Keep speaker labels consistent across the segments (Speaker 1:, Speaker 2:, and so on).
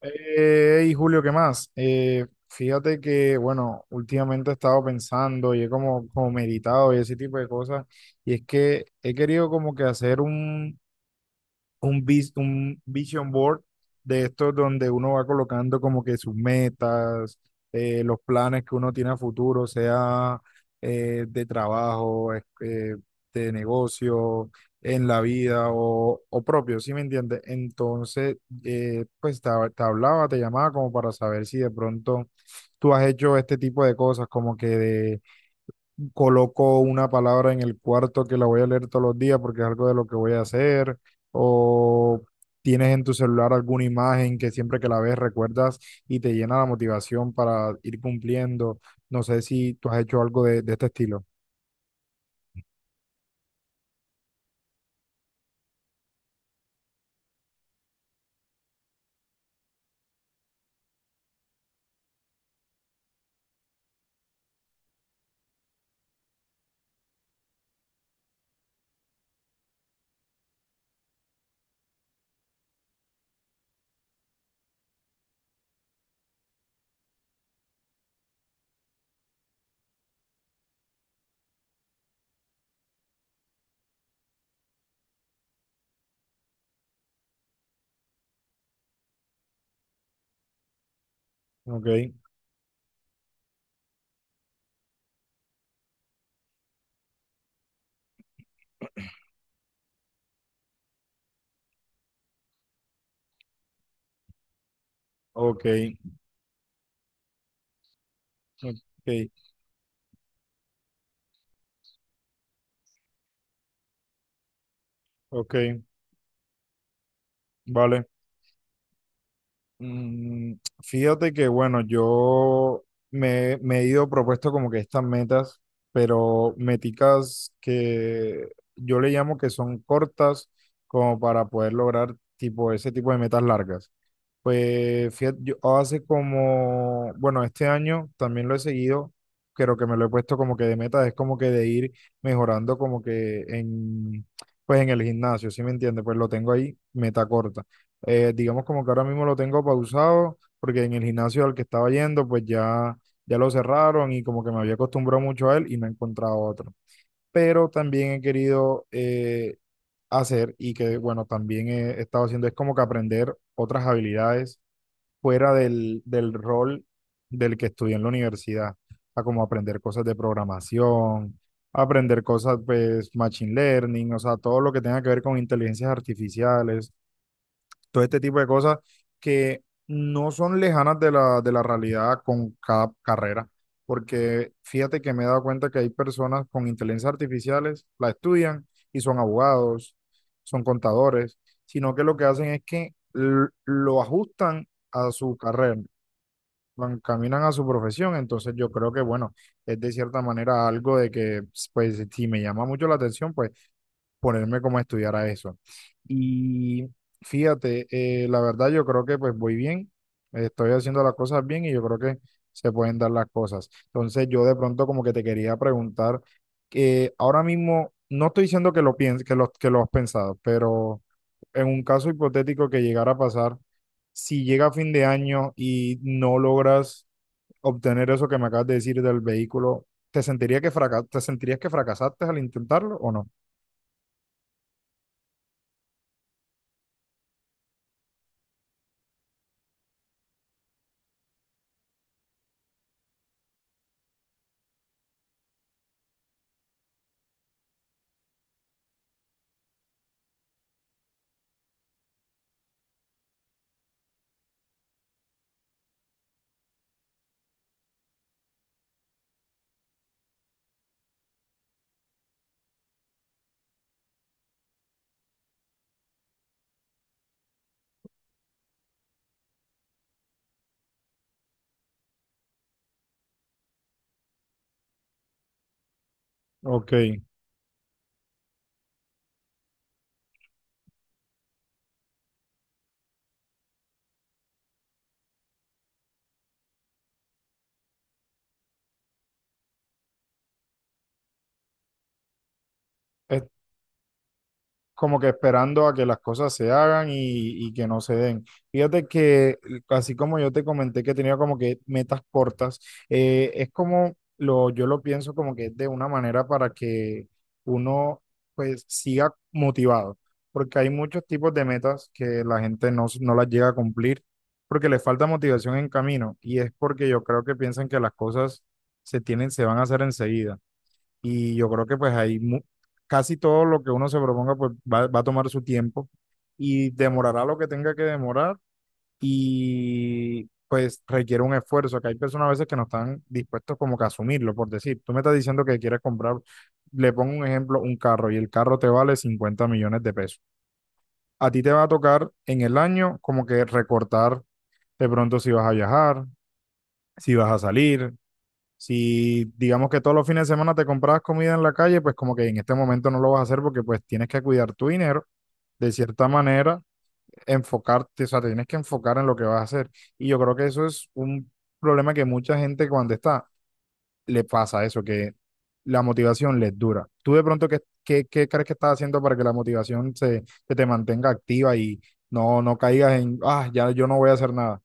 Speaker 1: Y Julio, ¿qué más? Fíjate que, bueno, últimamente he estado pensando y he como meditado y ese tipo de cosas, y es que he querido como que hacer un vision board de estos donde uno va colocando como que sus metas, los planes que uno tiene a futuro, sea de trabajo, de negocio, en la vida o propio, ¿sí me entiendes? Entonces, pues te llamaba como para saber si de pronto tú has hecho este tipo de cosas, como que de coloco una palabra en el cuarto que la voy a leer todos los días porque es algo de lo que voy a hacer, o tienes en tu celular alguna imagen que siempre que la ves recuerdas y te llena la motivación para ir cumpliendo. No sé si tú has hecho algo de este estilo. Ok, ok, ok, ok, vale. Mm, Fíjate que, bueno, yo me he ido propuesto como que estas metas, pero meticas que yo le llamo que son cortas como para poder lograr tipo ese tipo de metas largas. Pues fíjate, yo hace como, bueno, este año también lo he seguido, creo que me lo he puesto como que de meta, es como que de ir mejorando como que en, pues en el gimnasio, ¿sí me entiendes? Pues lo tengo ahí, meta corta. Digamos como que ahora mismo lo tengo pausado, porque en el gimnasio al que estaba yendo, pues ya, ya lo cerraron y como que me había acostumbrado mucho a él y no he encontrado otro. Pero también he querido hacer y que, bueno, también he estado haciendo es como que aprender otras habilidades fuera del rol del que estudié en la universidad, a como aprender cosas de programación, aprender cosas, pues, machine learning, o sea, todo lo que tenga que ver con inteligencias artificiales, todo este tipo de cosas que no son lejanas de la realidad con cada carrera, porque fíjate que me he dado cuenta que hay personas con inteligencias artificiales, la estudian y son abogados, son contadores, sino que lo que hacen es que lo ajustan a su carrera, lo encaminan a su profesión. Entonces yo creo que, bueno, es de cierta manera algo de que, pues, si me llama mucho la atención, pues, ponerme como a estudiar a eso. Y fíjate, la verdad yo creo que, pues, voy bien, estoy haciendo las cosas bien y yo creo que se pueden dar las cosas. Entonces yo de pronto como que te quería preguntar, que ahora mismo, no estoy diciendo que lo pienses, que lo has pensado, pero en un caso hipotético que llegara a pasar, si llega a fin de año y no logras obtener eso que me acabas de decir del vehículo, ¿ te sentirías que fracasaste al intentarlo o no? Ok. Como que esperando a que las cosas se hagan y que no se den. Fíjate que, así como yo te comenté que tenía como que metas cortas, es como yo lo pienso como que es de una manera para que uno pues siga motivado, porque hay muchos tipos de metas que la gente no las llega a cumplir porque le falta motivación en camino, y es porque yo creo que piensan que las cosas se van a hacer enseguida. Y yo creo que pues ahí casi todo lo que uno se proponga pues va a tomar su tiempo y demorará lo que tenga que demorar y pues requiere un esfuerzo, que hay personas a veces que no están dispuestos como que a asumirlo. Por decir, tú me estás diciendo que quieres comprar, le pongo un ejemplo, un carro, y el carro te vale 50 millones de pesos. A ti te va a tocar en el año como que recortar de pronto si vas a viajar, si vas a salir, si digamos que todos los fines de semana te comprabas comida en la calle, pues como que en este momento no lo vas a hacer porque pues tienes que cuidar tu dinero, de cierta manera, enfocarte, o sea, te tienes que enfocar en lo que vas a hacer. Y yo creo que eso es un problema que mucha gente cuando está, le pasa eso, que la motivación les dura. ¿Tú de pronto qué crees que estás haciendo para que la motivación se te mantenga activa y no caigas en, ah, ya yo no voy a hacer nada?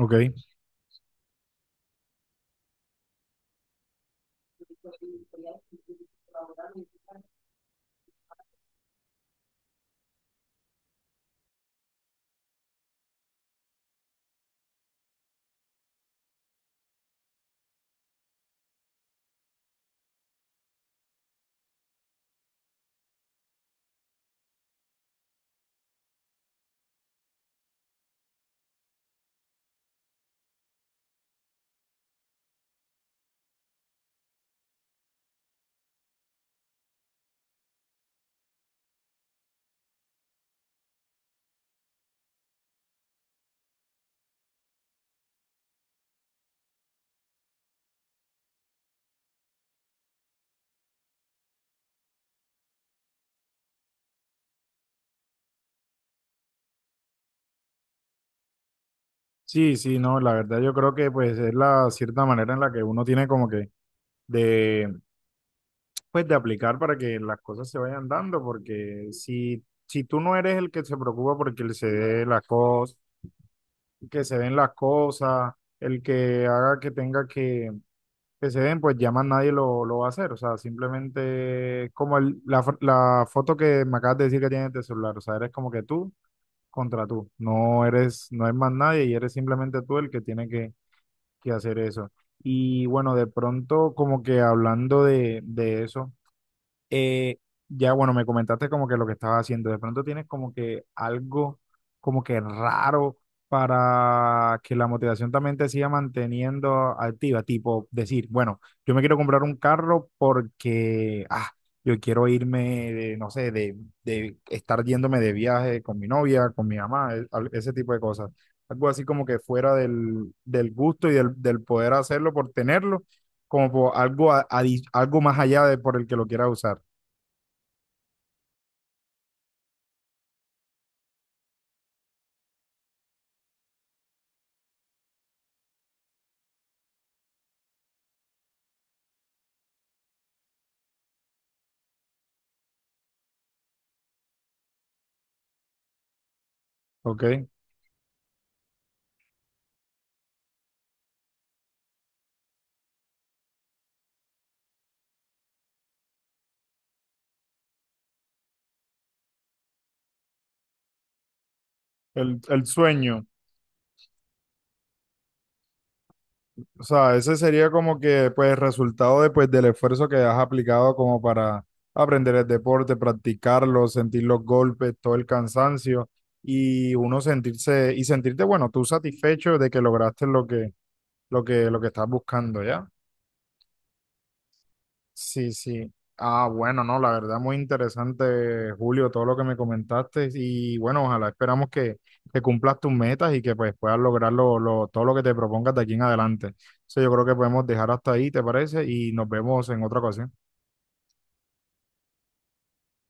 Speaker 1: Ok. Sí, sí, no, la verdad yo creo que pues es la cierta manera en la que uno tiene como que de, pues, de aplicar para que las cosas se vayan dando, porque si tú no eres el que se preocupa porque se dé las cosas, que se den las cosas, el que haga que tenga que se den, pues ya más nadie lo va a hacer. O sea, simplemente es como la foto que me acabas de decir que tienes de celular, o sea, eres como que tú contra tú, no es más nadie y eres simplemente tú el que tiene que hacer eso. Y bueno, de pronto como que hablando de eso. Eh, ya, bueno, me comentaste como que lo que estabas haciendo. De pronto tienes como que algo como que raro para que la motivación también te siga manteniendo activa. Tipo, decir, bueno, yo me quiero comprar un carro porque, ah, yo quiero irme, de, no sé, de estar yéndome de viaje con mi novia, con mi mamá, ese tipo de cosas. Algo así como que fuera del gusto y del poder hacerlo por tenerlo, como por algo, algo más allá de por el que lo quiera usar. Ok, el sueño, o sea, ese sería como que pues resultado de, pues, del esfuerzo que has aplicado como para aprender el deporte, practicarlo, sentir los golpes, todo el cansancio, y uno sentirse y sentirte, bueno, tú satisfecho de que lograste lo que estás buscando, ¿ya? Sí, sí. Ah, bueno, no, la verdad muy interesante, Julio, todo lo que me comentaste. Y bueno, ojalá esperamos que, cumplas tus metas y que pues puedas lograr todo lo que te propongas de aquí en adelante. Entonces yo creo que podemos dejar hasta ahí, ¿te parece? Y nos vemos en otra ocasión.